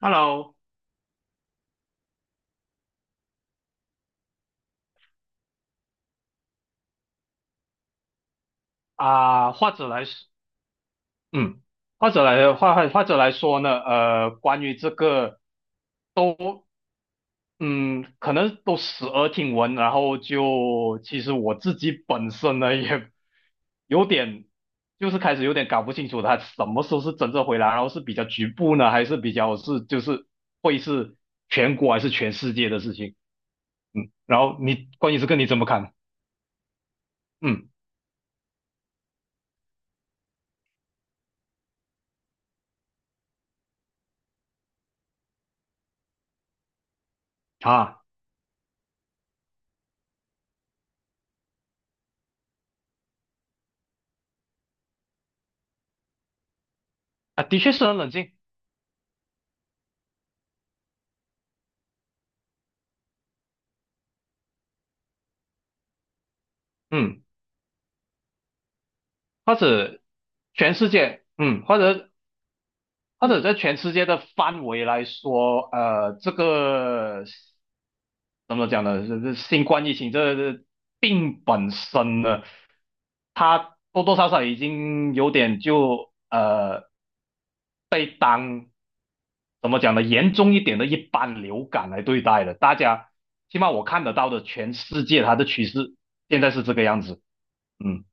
Hello，啊、或者来说，嗯，或者来说呢，关于这个都，嗯，可能都时而听闻，然后就其实我自己本身呢也有点，就是开始有点搞不清楚他什么时候是真正回来，然后是比较局部呢，还是比较是就是会是全国还是全世界的事情，嗯，然后你关于这个你怎么看？嗯，啊啊，的确是很冷静，嗯。或者全世界，嗯，或者在全世界的范围来说，这个怎么讲呢？这新冠疫情这病本身呢，它多多少少已经有点就被当怎么讲呢？严重一点的一般流感来对待了。大家起码我看得到的全世界它的趋势现在是这个样子，嗯。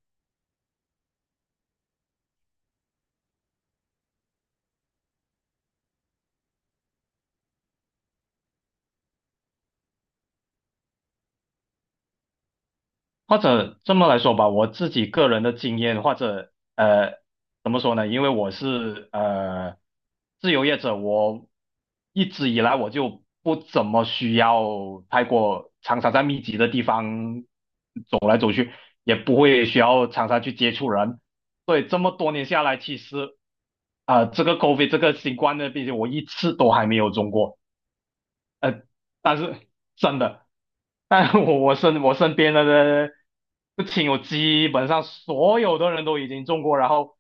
或者这么来说吧，我自己个人的经验，或者怎么说呢？因为我是自由业者，我一直以来我就不怎么需要太过常常在密集的地方走来走去，也不会需要常常去接触人，所以这么多年下来，其实啊、这个 COVID 这个新冠的病毒，我一次都还没有中过。呃，但是真的，但我身边的不亲友基本上所有的人都已经中过，然后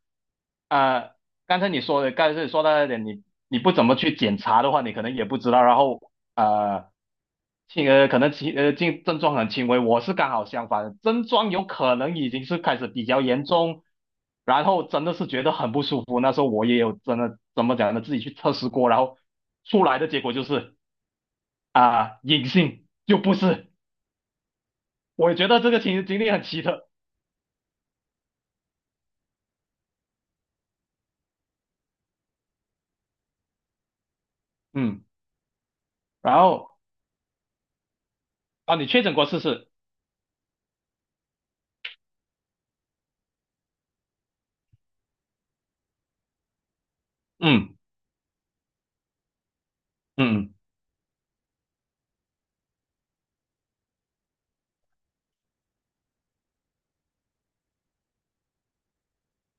呃，刚才你说的，刚才你说到一点，你不怎么去检查的话，你可能也不知道，然后轻呃可能轻呃症症状很轻微，我是刚好相反，症状有可能已经是开始比较严重。然后真的是觉得很不舒服。那时候我也有真的怎么讲呢，自己去测试过，然后出来的结果就是啊，隐性就不是。我觉得这个经历很奇特，嗯，然后啊，你确诊过试试，嗯嗯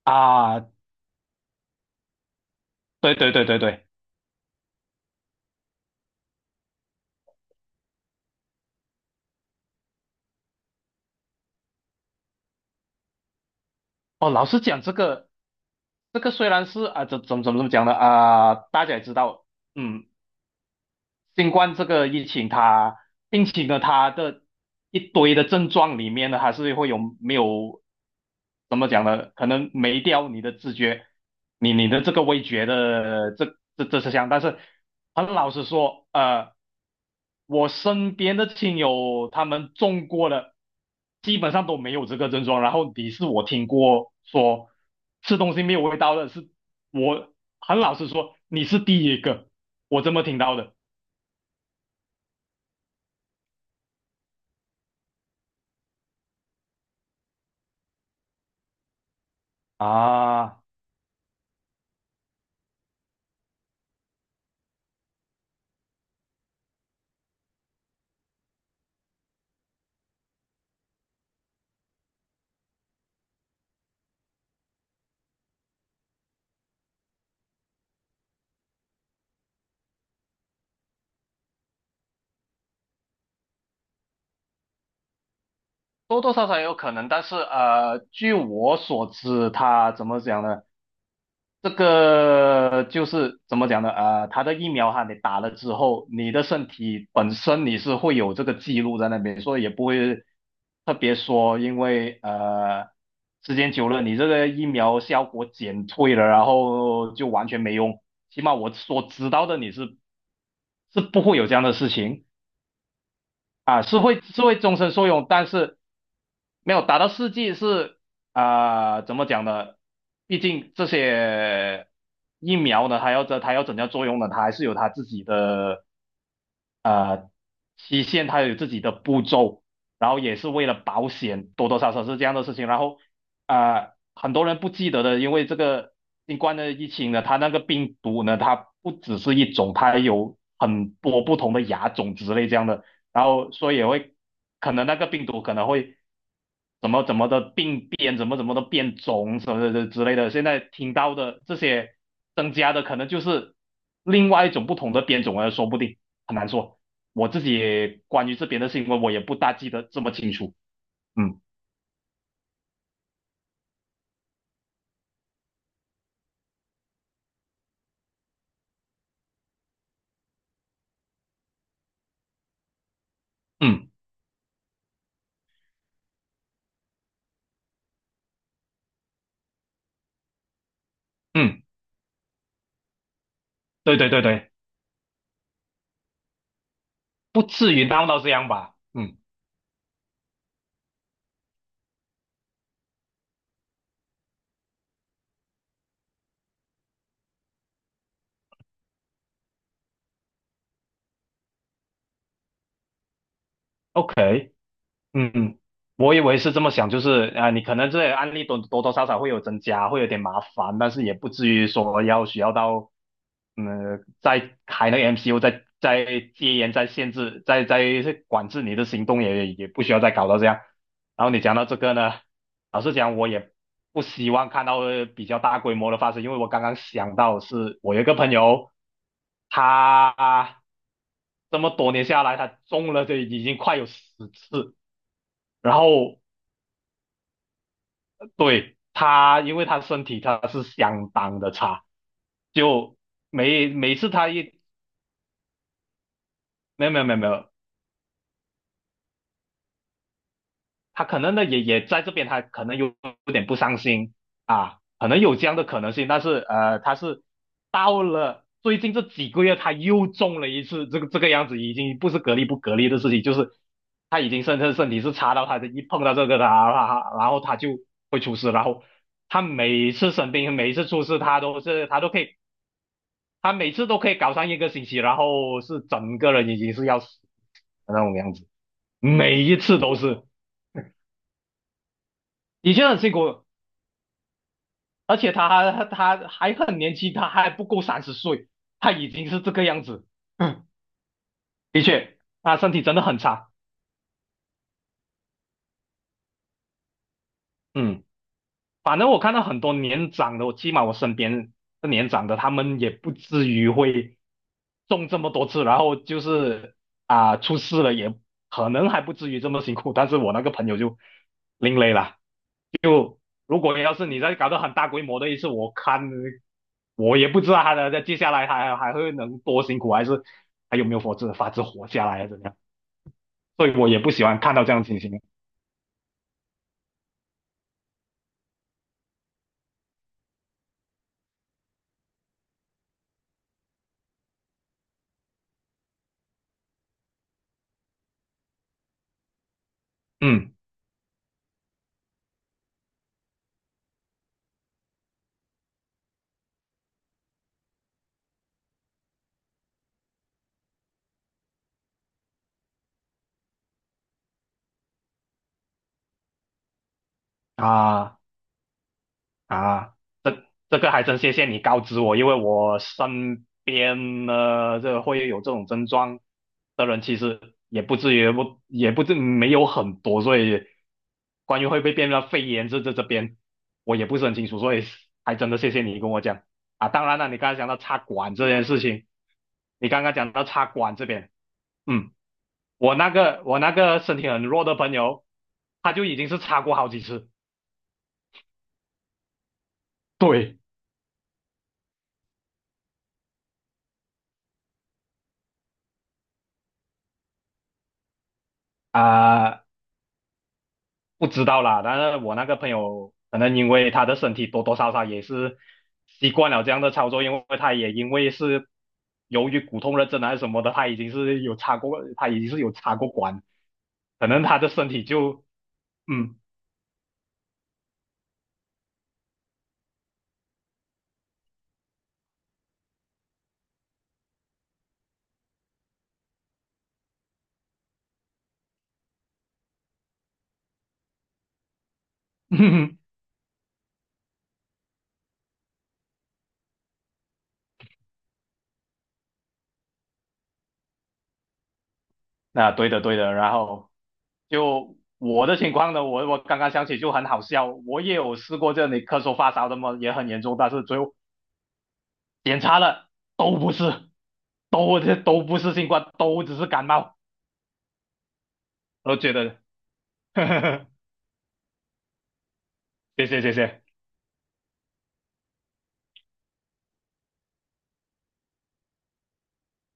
啊，对对对对对，哦，老实讲，这个虽然是啊，怎么讲的啊，大家也知道，嗯，新冠这个疫情它，并且呢，它的一堆的症状里面呢，还是会有没有怎么讲呢？可能没掉你的知觉，你的这个味觉的这这是项，但是很老实说，我身边的亲友他们中过了，基本上都没有这个症状。然后你是我听过说吃东西没有味道的，是我很老实说，你是第一个我这么听到的。啊，多多少少也有可能，但是据我所知，他怎么讲呢？这个就是怎么讲呢？他的疫苗哈，你打了之后，你的身体本身你是会有这个记录在那边，所以特别说，因为时间久了，你这个疫苗效果减退了，然后就完全没用。起码我所知道的，你是不会有这样的事情。啊，是会是会终身受用，但是没有达到四 G 是啊、怎么讲呢？毕竟这些疫苗呢，它要怎样作用呢？它还是有它自己的期限它有自己的步骤，然后也是为了保险，多多少少是这样的事情。然后啊、很多人不记得的，因为这个新冠的疫情呢，它那个病毒呢，它不只是一种，它有很多不同的亚种之类这样的，然后所以也会可能那个病毒可能会。怎么怎么的病变，怎么怎么的变种，什么的之类的。现在听到的这些增加的，可能就是另外一种不同的变种了，说不定很难说。我自己也关于这边的新闻，我也不大记得这么清楚。嗯嗯嗯，对对对对，不至于闹到这样吧？嗯，OK。嗯，我以为是这么想，就是啊、你可能这些案例多多少少会有增加，会有点麻烦，但是也不至于说要需要到，嗯，再开那个 MCU，在戒严、在限制，在管制你的行动也，也不需要再搞到这样。然后你讲到这个呢，老实讲，我也不希望看到比较大规模的发生，因为我刚刚想到是我有一个朋友，他这么多年下来，他中了这已经快有十次。然后对，他，因为他身体他是相当的差，就每次他一没有没有没有没有，他可能呢也在这边，他可能有啊，可能有这样的可能性，但是他是到了最近这几个月，他又中了一次，这个样子已经不是隔离不隔离的事情，就是他已经身体是差到他的一碰到这个他，他然后他就会出事，然后他每一次生病，每一次出事，他每次都可以搞上一个星期，然后是整个人已经是要死的那种样子，每一次都是，的确很辛苦，而且他还很年轻，他还不够30岁，他已经是这个样子，嗯的确，他身体真的很差，嗯，反正我看到很多年长的，我起码我身边的年长的，他们也不至于会中这么多次，然后就是啊、出事了也可能还不至于这么辛苦，但是我那个朋友就另类了。就如果要是你再搞到很大规模的一次，我看我也不知道他的在接下来还会能多辛苦，还是还有没有法子活下来啊？怎么样？所以我也不喜欢看到这样的情形。嗯啊。啊，这这个还真谢谢你告知我，因为我身边呢，这会有这种症状的人，其实也不至于不也不至没有很多，所以关于会不会变成肺炎这边，我也不是很清楚，所以还真的谢谢你跟我讲啊。当然了，你刚才讲到插管这件事情，你刚刚讲到插管这边，嗯，我那个身体很弱的朋友，他就已经是插过好几次，对。啊、不知道啦，但是我那个朋友可能因为他的身体多多少少也是习惯了这样的操作，因为他也因为是由于骨痛热症还是什么的，他已经是有插过，他已经是有插过管，可能他的身体就嗯，那对的对的，然后就我的情况呢，我刚刚想起就很好笑，我也有试过这里咳嗽发烧的嘛，也很严重，但是最后检查了都不是，都不是新冠，都只是感冒，我觉得。谢谢谢谢，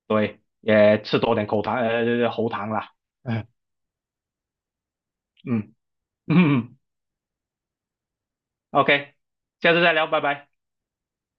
对，也吃多点喉糖啦，嗯嗯嗯，OK，下次再聊，拜拜。